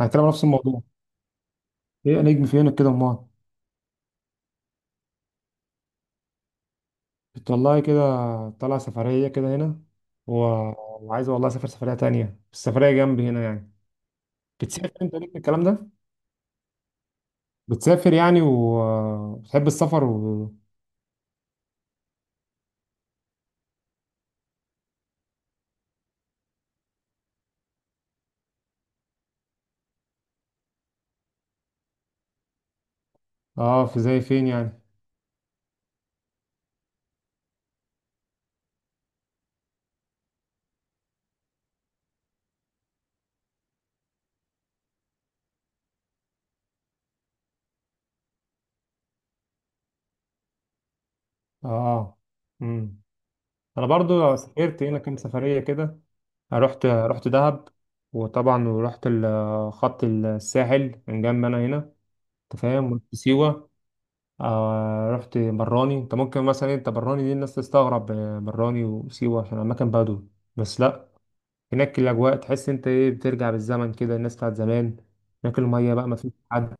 هنتكلم عن نفس الموضوع. ايه نجم في عينك كده امال؟ بتطلعي كده؟ طالعه سفريه كده هنا، و... وعايزه والله اسافر سفريه تانية، السفريه جنبي هنا يعني. بتسافر انت، ليك في الكلام ده؟ بتسافر يعني وبتحب السفر. اه، في زي فين يعني؟ اه، امم انا برضو سافرت هنا كام سفريه كده. رحت دهب، وطبعا ورحت خط الساحل من جنب انا هنا، انت فاهم، ورحت سيوه. رحت براني، انت ممكن مثلا انت براني دي الناس تستغرب، براني وسيوة عشان اماكن بدو، بس لا. هناك الاجواء تحس انت ايه، بترجع بالزمن كده، الناس بتاعت زمان. هناك الميه بقى ما فيش حد،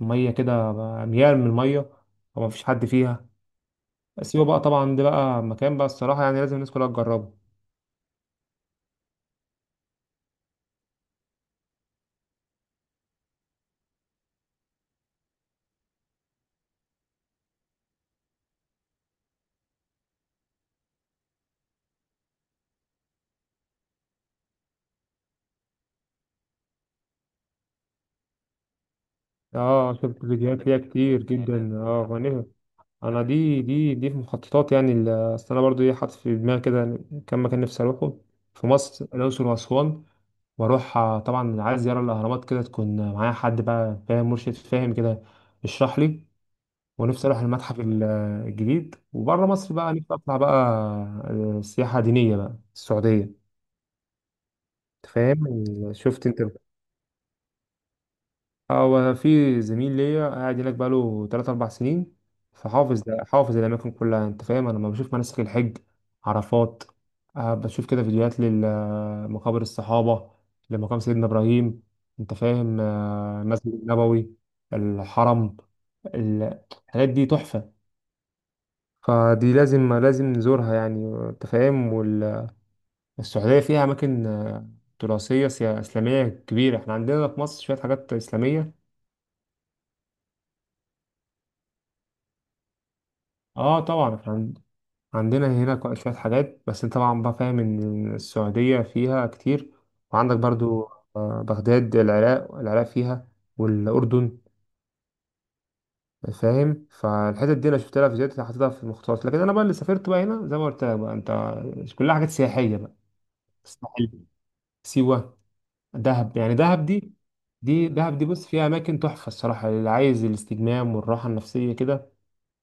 الميه كده بقى اميال من الميه، وما فيش حد فيها. سيوة بقى طبعا ده بقى مكان بقى الصراحه يعني لازم الناس كلها تجربه. اه، شفت فيديوهات ليها كتير جدا، اه. انا دي في مخططات يعني. اصل انا برضو ايه حاطط في دماغي كده كم مكان نفسي اروحه في مصر، الاقصر واسوان. واروح، طبعا عايز زياره الاهرامات كده تكون معايا حد بقى فاهم، مرشد فاهم كده يشرح لي. ونفسي اروح المتحف الجديد. وبره مصر بقى نفسي اطلع بقى، سياحه دينيه بقى، السعوديه. أنت فاهم؟ شفت انت. اه، وانا في زميل ليا قاعد هناك بقاله 3 4 سنين، فحافظ ده حافظ الاماكن كلها. انت فاهم، انا لما بشوف مناسك الحج، عرفات، بشوف كده فيديوهات لمقابر الصحابه، لمقام سيدنا ابراهيم، انت فاهم، المسجد النبوي، الحرم ال- الحاجات دي تحفه، فدي لازم نزورها يعني، انت فاهم. والسعوديه فيها اماكن، تراثيه اسلاميه كبيره. احنا عندنا في مصر شويه حاجات اسلاميه. اه طبعا احنا عندنا هنا شوية حاجات، بس انت طبعا بقى فاهم ان السعودية فيها كتير. وعندك برضو، بغداد، العراق فيها، والأردن، فاهم. فالحتت دي انا شفت لها فيديوهات حاططها في المخطوطات، لكن انا بقى اللي سافرت بقى هنا زي ما قلت لك بقى، انت، كلها حاجات سياحية بقى: الساحل، سيوة، دهب. يعني دهب دي، دي دهب دي، بص فيها اماكن تحفة الصراحة، اللي عايز الاستجمام والراحة النفسية كده،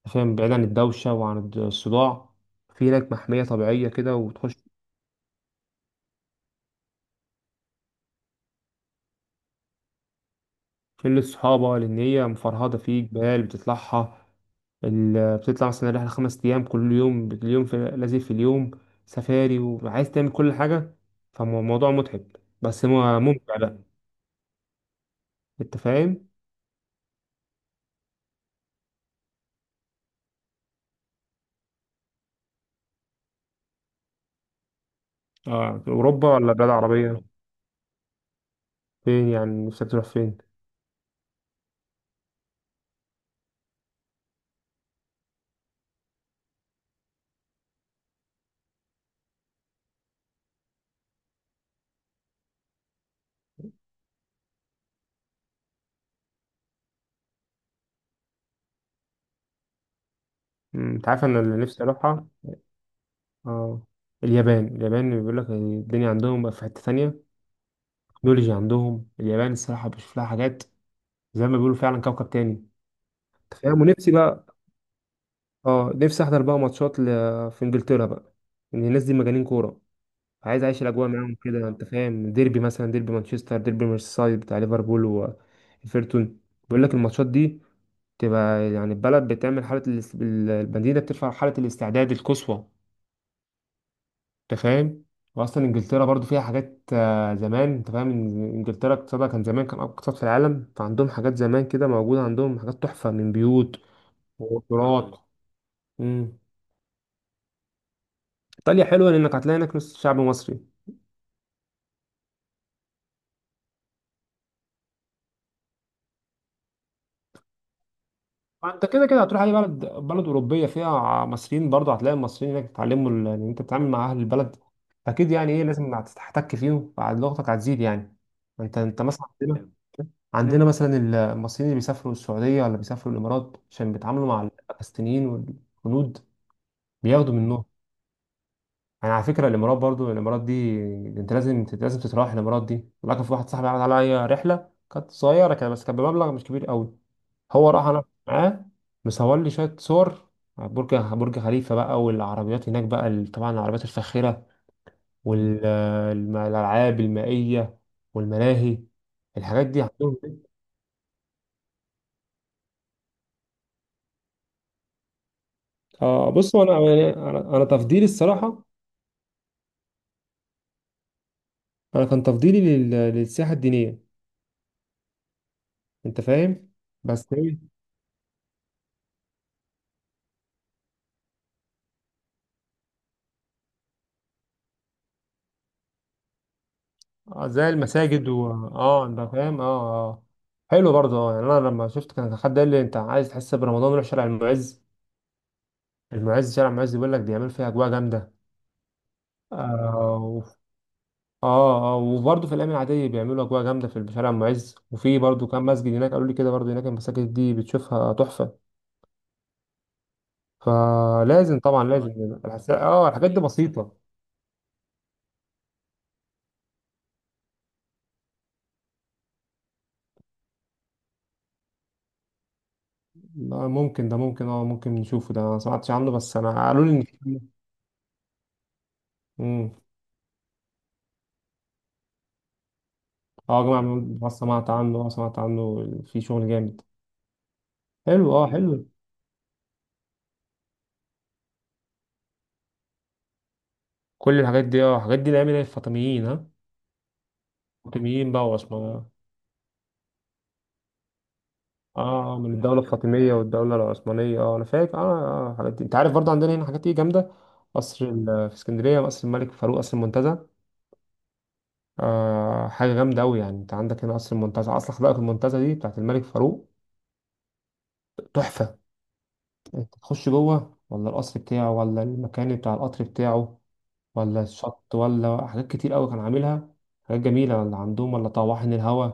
فاهم، بعيد عن الدوشة وعن الصداع. في هناك محمية طبيعية كده وتخش. شلة صحابة، لأن هي مفرهدة في جبال بتطلعها. بتطلع مثلا رحلة 5 أيام، كل يوم اليوم في لازم في اليوم سفاري، وعايز تعمل كل حاجة، فالموضوع متعب، بس هو ممتع بقى. أنت فاهم؟ آه، أوروبا ولا بلاد عربية؟ فين يعني نفسك تروح، فين؟ أنت عارف أنا اللي نفسي أروحها. آه اليابان بيقول لك الدنيا عندهم بقى في حتة تانية. التكنولوجيا عندهم، اليابان الصراحة بشوف لها حاجات زي ما بيقولوا، فعلا كوكب تاني. تمام. ونفسي بقى، اه، نفسي احضر بقى ماتشات في انجلترا بقى. ان الناس دي مجانين كوره، عايز اعيش الاجواء معاهم كده. انت فاهم، ديربي مثلا، ديربي مانشستر، ديربي ميرسيسايد بتاع ليفربول وايفرتون، بيقول لك الماتشات دي تبقى يعني البلد بتعمل حاله المدينه بترفع حاله الاستعداد القصوى، انت فاهم. واصلا انجلترا برضو فيها حاجات، زمان انت فاهم، إن انجلترا اقتصادها كان زمان، كان اقوى اقتصاد في العالم، فعندهم حاجات زمان كده موجوده. عندهم حاجات تحفه من بيوت وقطارات فعلا. مم. ايطاليا حلوه لانك هتلاقي هناك نص شعب مصري. فانت كده كده هتروح اي بلد اوروبيه فيها مصريين، برضه هتلاقي المصريين هناك بيتعلموا، ان انت بتتعامل مع اهل البلد اكيد يعني، ايه، لازم هتحتك فيهم فلغتك هتزيد يعني. انت مثلا عندنا، عندنا مثلا المصريين اللي بيسافروا السعوديه ولا بيسافروا الامارات عشان بيتعاملوا مع الباكستينيين والهنود، بياخدوا منهم. يعني على فكره، الامارات، برضو الامارات دي انت لازم تتراوح الامارات دي. لكن في واحد صاحبي عمل عليا رحله كانت صغيره كده، بس كانت بمبلغ مش كبير قوي، هو راح انا معاه، مصور لي شويه صور على برج خليفه بقى، والعربيات هناك بقى، طبعا العربيات الفاخره، والالعاب المائيه، والملاهي. الحاجات دي عندهم. اه، بص، هو انا يعني انا تفضيلي الصراحه، انا كان تفضيلي للسياحه الدينيه، انت فاهم. بس ايه، زي المساجد و انت فاهم. اه اه، حلو برضه، يعني انا لما شفت كان حد قال لي انت عايز تحس برمضان روح شارع المعز. المعز، شارع المعز بيقول لك بيعمل فيها اجواء جامده. اه، اه اه، وبرضه في الايام العاديه بيعملوا اجواء جامده في شارع ام عز، وفي برضه كام مسجد هناك قالوا لي كده برضه، هناك المساجد دي بتشوفها تحفه. فلازم طبعا لازم، الحاجات دي بسيطه. لا، ممكن ده، ممكن نشوفه ده، أنا ما سمعتش عنه، بس انا قالوا لي ان في. امم اه، يا جماعه سمعت عنه، اه سمعت عنه في شغل جامد. حلو. كل الحاجات دي، الحاجات دي نعمل ايه، الفاطميين، ها؟ الفاطميين بقى، واسمه، اه، من الدولة الفاطمية والدولة العثمانية. اه، انا فاكر، اه اه، الحاجات دي، انت عارف برضه عندنا هنا حاجات ايه جامدة. قصر في اسكندرية، قصر الملك فاروق، قصر المنتزه، حاجة جامدة أوي يعني. انت عندك هنا قصر المنتزه، اصل حدائق المنتزه دي بتاعت الملك فاروق، تحفة. انت تخش جوه ولا القصر بتاعه، ولا المكان بتاع القطر بتاعه، ولا الشط، ولا حاجات كتير أوي كان عاملها حاجات جميلة، ولا عندهم ولا طواحن الهوا.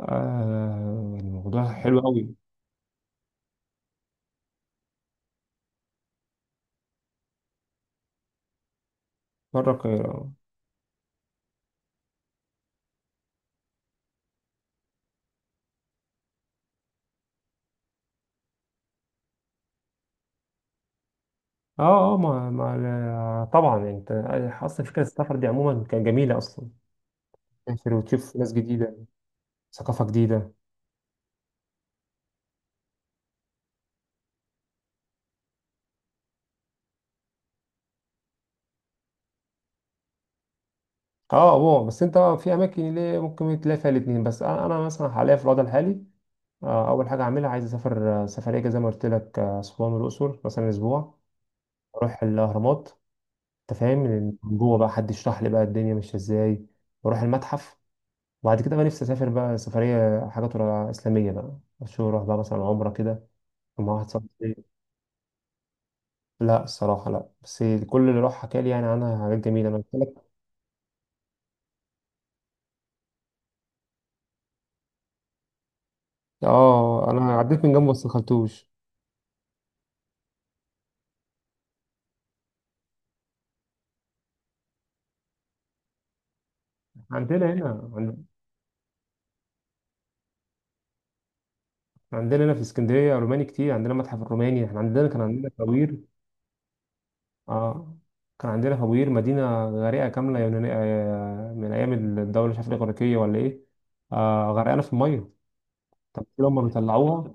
يعني الموضوع حلو أوي. مرة القاهرة. اه اه، ما طبعا يعني، انت اصلا فكره السفر دي عموما كانت جميله اصلا، تسافر وتشوف ناس جديده، ثقافه جديده. اه، هو بس انت في اماكن اللي ممكن تلاقي فيها الاثنين. بس انا، مثلا حاليا في الوضع الحالي، اول حاجه اعملها، عايز اسافر، سفريه كده زي ما قلت لك، اسوان والاقصر مثلا اسبوع، اروح الاهرامات، انت فاهم، من جوه بقى حد يشرح لي بقى الدنيا ماشيه ازاي، واروح المتحف. وبعد كده بقى نفسي اسافر بقى سفريه حاجات اسلاميه بقى، اشوف، اروح بقى مثلا عمره كده مع واحد صاحبي. لا، الصراحة لا، بس كل اللي راح حكى لي يعني عنها حاجات جميلة، أنا قلت لك. أنا عديت من جنبه بس مدخلتوش. عندنا هنا عندنا هنا في اسكندرية روماني كتير، عندنا متحف الروماني. إحنا عندنا آه كان عندنا فوير مدينة غريقة كاملة يونانية، من أيام الدولة مش عارف الإغريقية ولا إيه، غرقانة في المية. تماثيل هما بيطلعوها،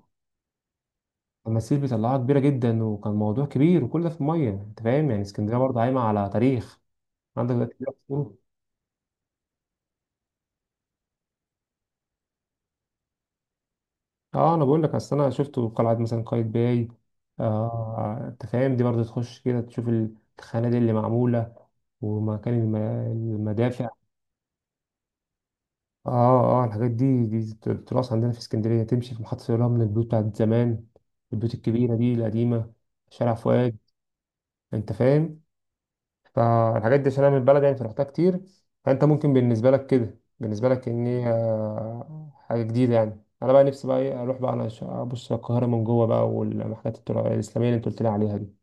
تماثيل بيطلعوها كبيرة جدا، وكان موضوع كبير، وكل ده في المية. أنت فاهم، يعني اسكندرية برضه قايمة على تاريخ. عندك دلوقتي كتير. اه، انا بقول لك، اصل انا شفته في قلعه مثلا، قايتباي. انت فاهم، دي برضه تخش كده تشوف الخنادق اللي معموله، ومكان المدافع. اه اه، الحاجات دي، تراث عندنا في اسكندريه. تمشي في محطه الرمل البيوت بتاعت زمان، البيوت الكبيره دي القديمه، شارع فؤاد، انت فاهم. فالحاجات دي عشان انا من البلد يعني فرحتها كتير، فانت ممكن بالنسبه لك كده، بالنسبه لك، ان هي حاجه جديده يعني. انا بقى نفسي بقى ايه، اروح بقى انا ابص على القاهره من جوه بقى، والمحلات الاسلاميه اللي انت قلت لي عليها دي.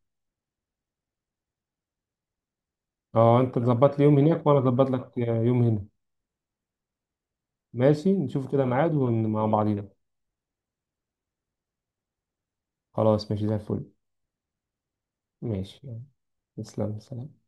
اه، انت تظبط لي يوم هناك وانا اظبط لك يوم هنا. ماشي، نشوف كده ميعاد مع بعضينا. خلاص، ماشي، زي الفل. ماشي يلا. تسلم، سلام.